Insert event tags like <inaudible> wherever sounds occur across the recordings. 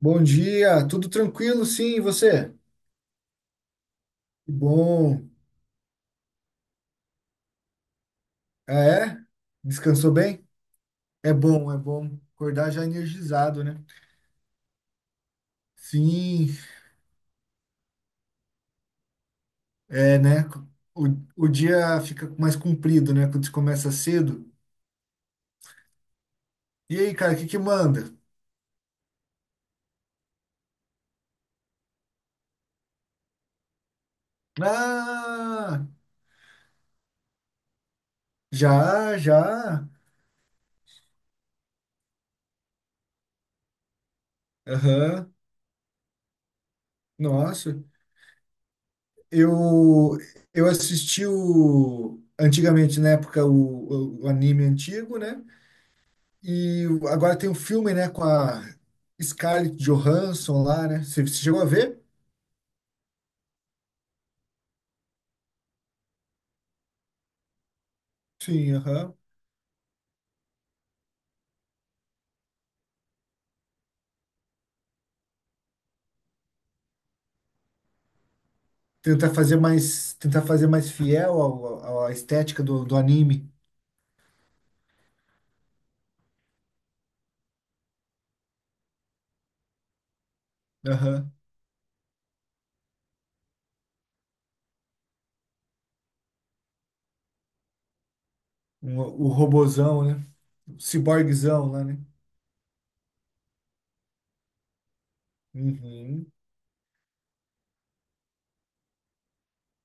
Bom dia, tudo tranquilo? Sim, e você? Que bom. Ah, é? Descansou bem? É bom, é bom. Acordar já energizado, né? Sim, é, né? O, o dia fica mais comprido, né? Quando você começa cedo. E aí, cara, o que que manda? Ah, já, já. Aham. Nossa. Eu, eu assisti antigamente, na época, o anime antigo, né? Agora tem um filme, né, com a Scarlett Johansson lá, né? Você chegou a ver? Sim, aham. Tentar fazer mais fiel à estética do anime. Aham. O robozão, né? O ciborguezão lá, né? Uhum.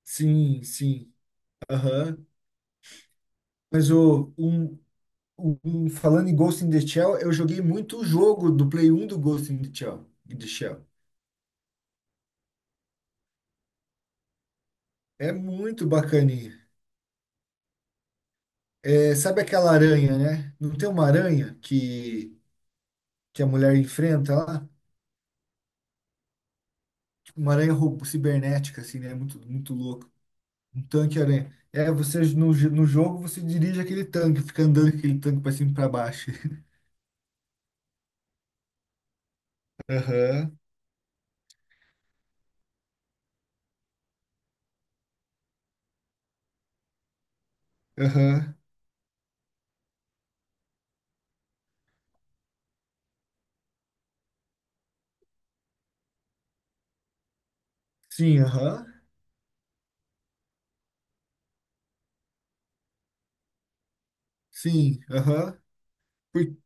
Sim, sim. Aham. Mas o um, um- um- falando em Ghost in the Shell, eu joguei muito o jogo do Play 1 do Ghost in the Shell. É muito bacaninha. É, sabe aquela aranha, né? Não tem uma aranha que a mulher enfrenta lá? Tipo, uma aranha cibernética, assim, né? Muito, muito louco. Um tanque-aranha. É, você no jogo você dirige aquele tanque, fica andando com aquele tanque pra cima e pra baixo. <laughs> Aham, aham. Sim, aham. Sim, aham. Por-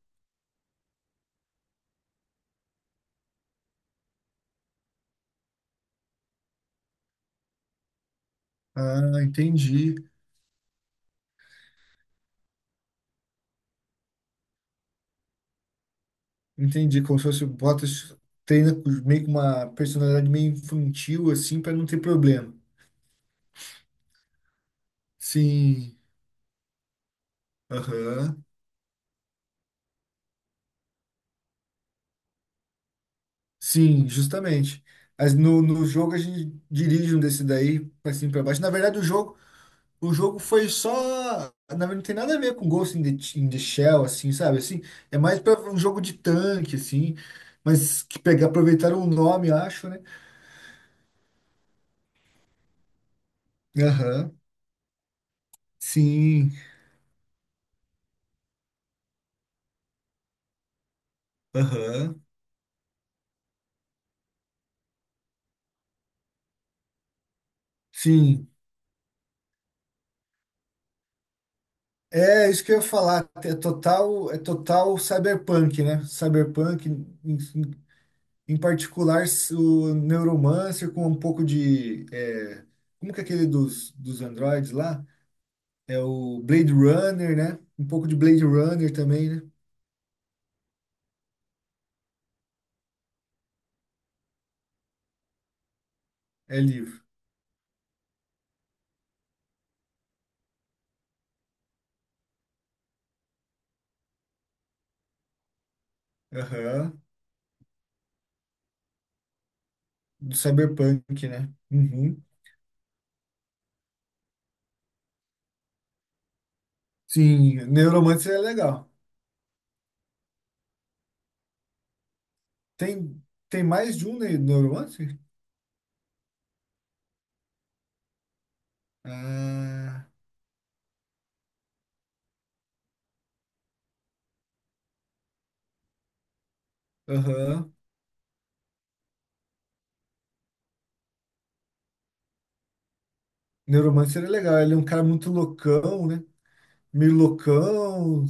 Ah, entendi. Entendi. Como se fosse bota, treina meio com uma personalidade meio infantil, assim, pra não ter problema. Sim, aham. Sim, justamente. Mas no jogo a gente dirige um desse daí pra cima e pra baixo. Na verdade, o jogo foi só. Na verdade, não tem nada a ver com Ghost in the Shell, assim, sabe? Assim, é mais pra um jogo de tanque, assim. Aproveitaram o nome, acho, né? Aham. Sim. Aham. Sim. É isso que eu ia falar. É total cyberpunk, né? Cyberpunk. Em particular, o Neuromancer com um pouco de. Como que é aquele dos androids lá? É o Blade Runner, né? Um pouco de Blade Runner também, né? É livro. Aham. Do Cyberpunk, né? Uhum. Sim, Neuromancer é legal. Tem, tem mais de um Neuromancer? Ah, aham. Neuromancer é legal. Ele é um cara muito loucão, né? Meio loucão.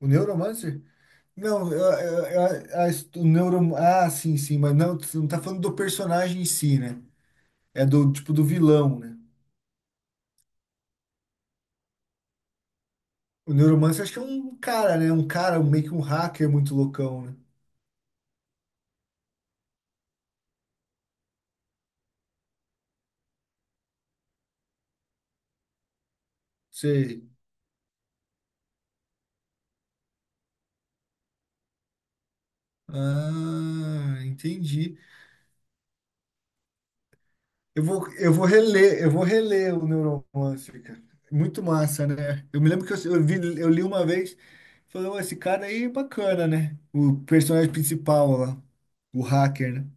O Neuromancer? Não, eu- a, his- o neuro... Ah, sim, sim, mas não, você não tá falando do personagem em si, né? É do, tipo, do vilão, né? O Neuromancer acho que é um cara, né? Um cara, meio que um hacker muito loucão, né? Sei. Ah, entendi. Eu vou reler o Neuromancer, cara. Muito massa, né? Eu me lembro que eu li uma vez, falei: "Ô, esse cara aí é bacana, né? O personagem principal lá, o hacker, né?"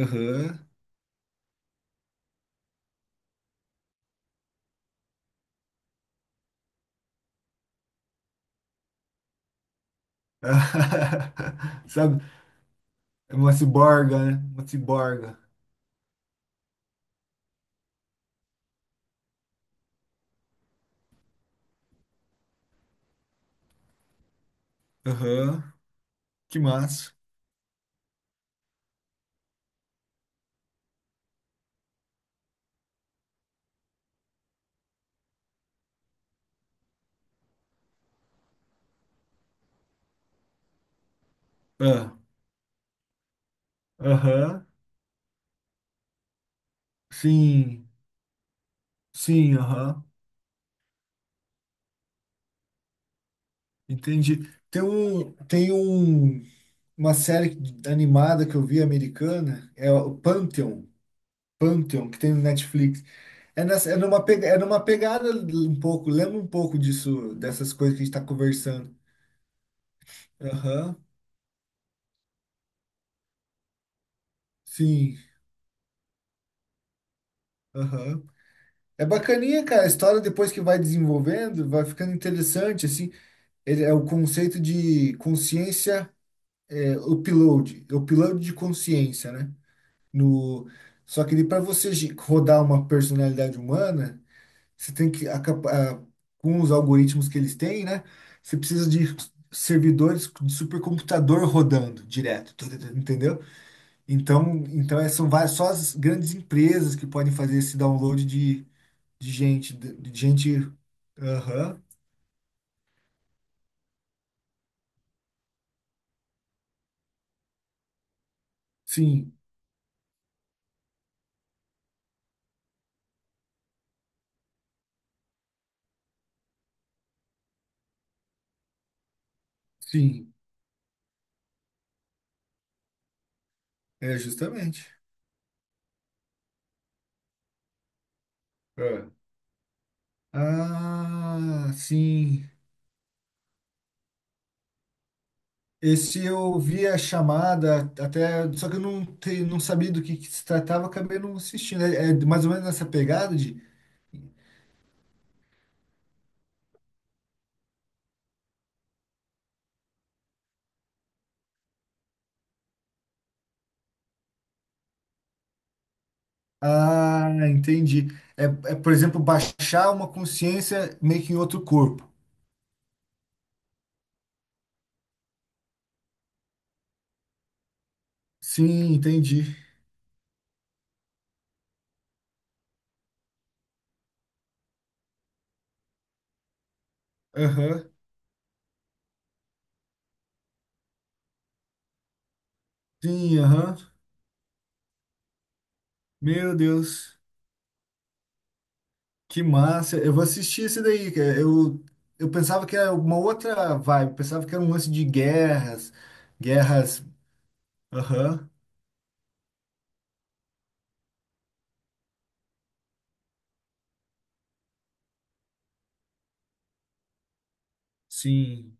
Aham. <laughs> Sabe, é uma ciborga, né? Uma ciborga. Aham. Que massa. Ah. Aham. Sim. Sim, aham. Entendi. Tem uma série animada que eu vi americana, é o Pantheon. Pantheon, que tem no Netflix. É, nessa, é, numa, pega- é numa pegada um pouco, lembra um pouco disso, dessas coisas que a gente tá conversando. Aham. Sim. Aham. É bacaninha, cara. A história depois que vai desenvolvendo, vai ficando interessante, assim. Ele é o conceito de consciência, upload, de consciência, né? No, só que ele para você rodar uma personalidade humana, você tem que com os algoritmos que eles têm, né? Você precisa de servidores de supercomputador rodando direto, entendeu? Então, são várias, só as grandes empresas que podem fazer esse download de gente, aham, sim, sim, é justamente. Ah, sim. Esse eu vi a chamada até, só que eu não sabia do que se tratava, acabei não assistindo. É mais ou menos nessa pegada de. Ah, entendi. É, é, por exemplo, baixar uma consciência meio que em outro corpo. Sim, entendi. Aham. Sim, aham. Meu Deus, que massa. Eu vou assistir esse daí, cara. Eu pensava que era uma outra vibe, pensava que era um lance de guerras, guerras. Aham. Sim,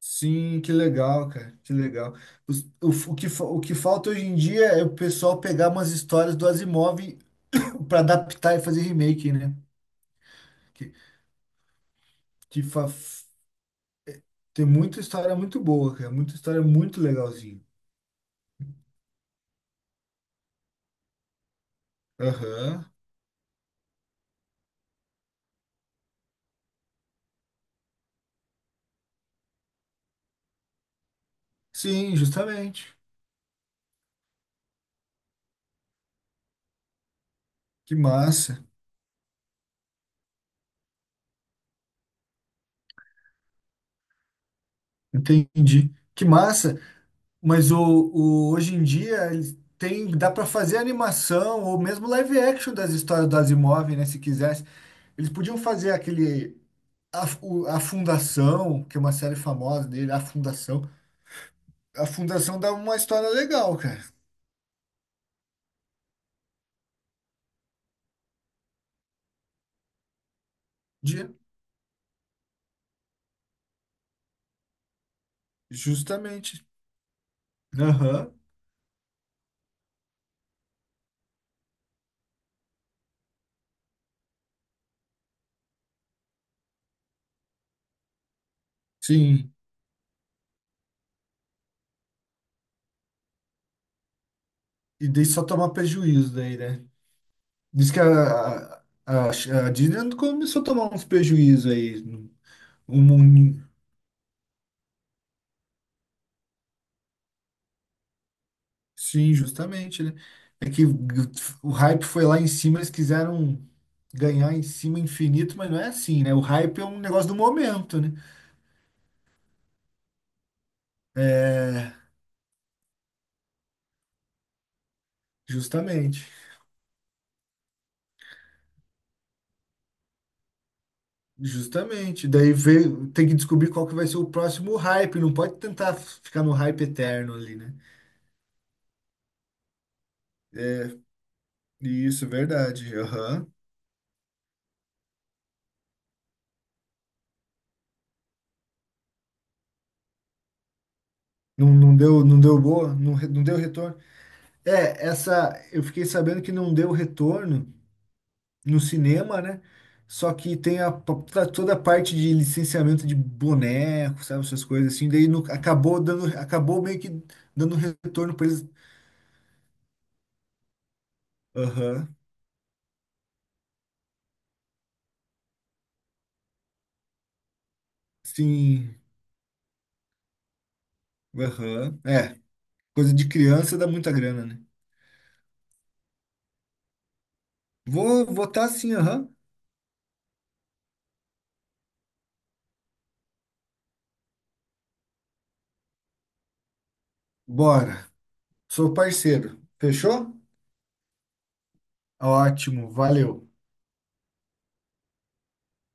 sim, que legal, cara, que legal. O que falta hoje em dia é o pessoal pegar umas histórias do Asimov <coughs> <clears throat> para adaptar e fazer remake, né? Que, que fa- Tem muita história muito boa, cara, muita história muito legalzinha. Aham. Sim, justamente. Que massa. Entendi. Que massa. Mas hoje em dia eles tem, dá para fazer animação ou mesmo live action das histórias do Asimov, né? Se quiser eles podiam fazer aquele. A Fundação, que é uma série famosa dele, A Fundação. A Fundação dá uma história legal, cara. De, Justamente. Aham. Sim. E daí só tomar prejuízo daí, né? Diz que a Disney começou a tomar uns prejuízos aí. Um, um- sim, justamente, né? É que o hype foi lá em cima, eles quiseram ganhar em cima infinito, mas não é assim, né? O hype é um negócio do momento, né? É, justamente, justamente. Daí veio, tem que descobrir qual que vai ser o próximo hype. Não pode tentar ficar no hype eterno ali, né? É, isso, verdade. Aham. Não, não deu boa, não deu retorno. É, eu fiquei sabendo que não deu retorno no cinema, né? Só que tem tá toda a parte de licenciamento de boneco, sabe, essas coisas assim. Daí acabou dando, acabou meio que dando retorno para eles. Aham. Sim. Aham. É, coisa de criança dá muita grana, né? Vou votar sim, aham. Bora. Sou parceiro. Fechou? Ótimo, valeu.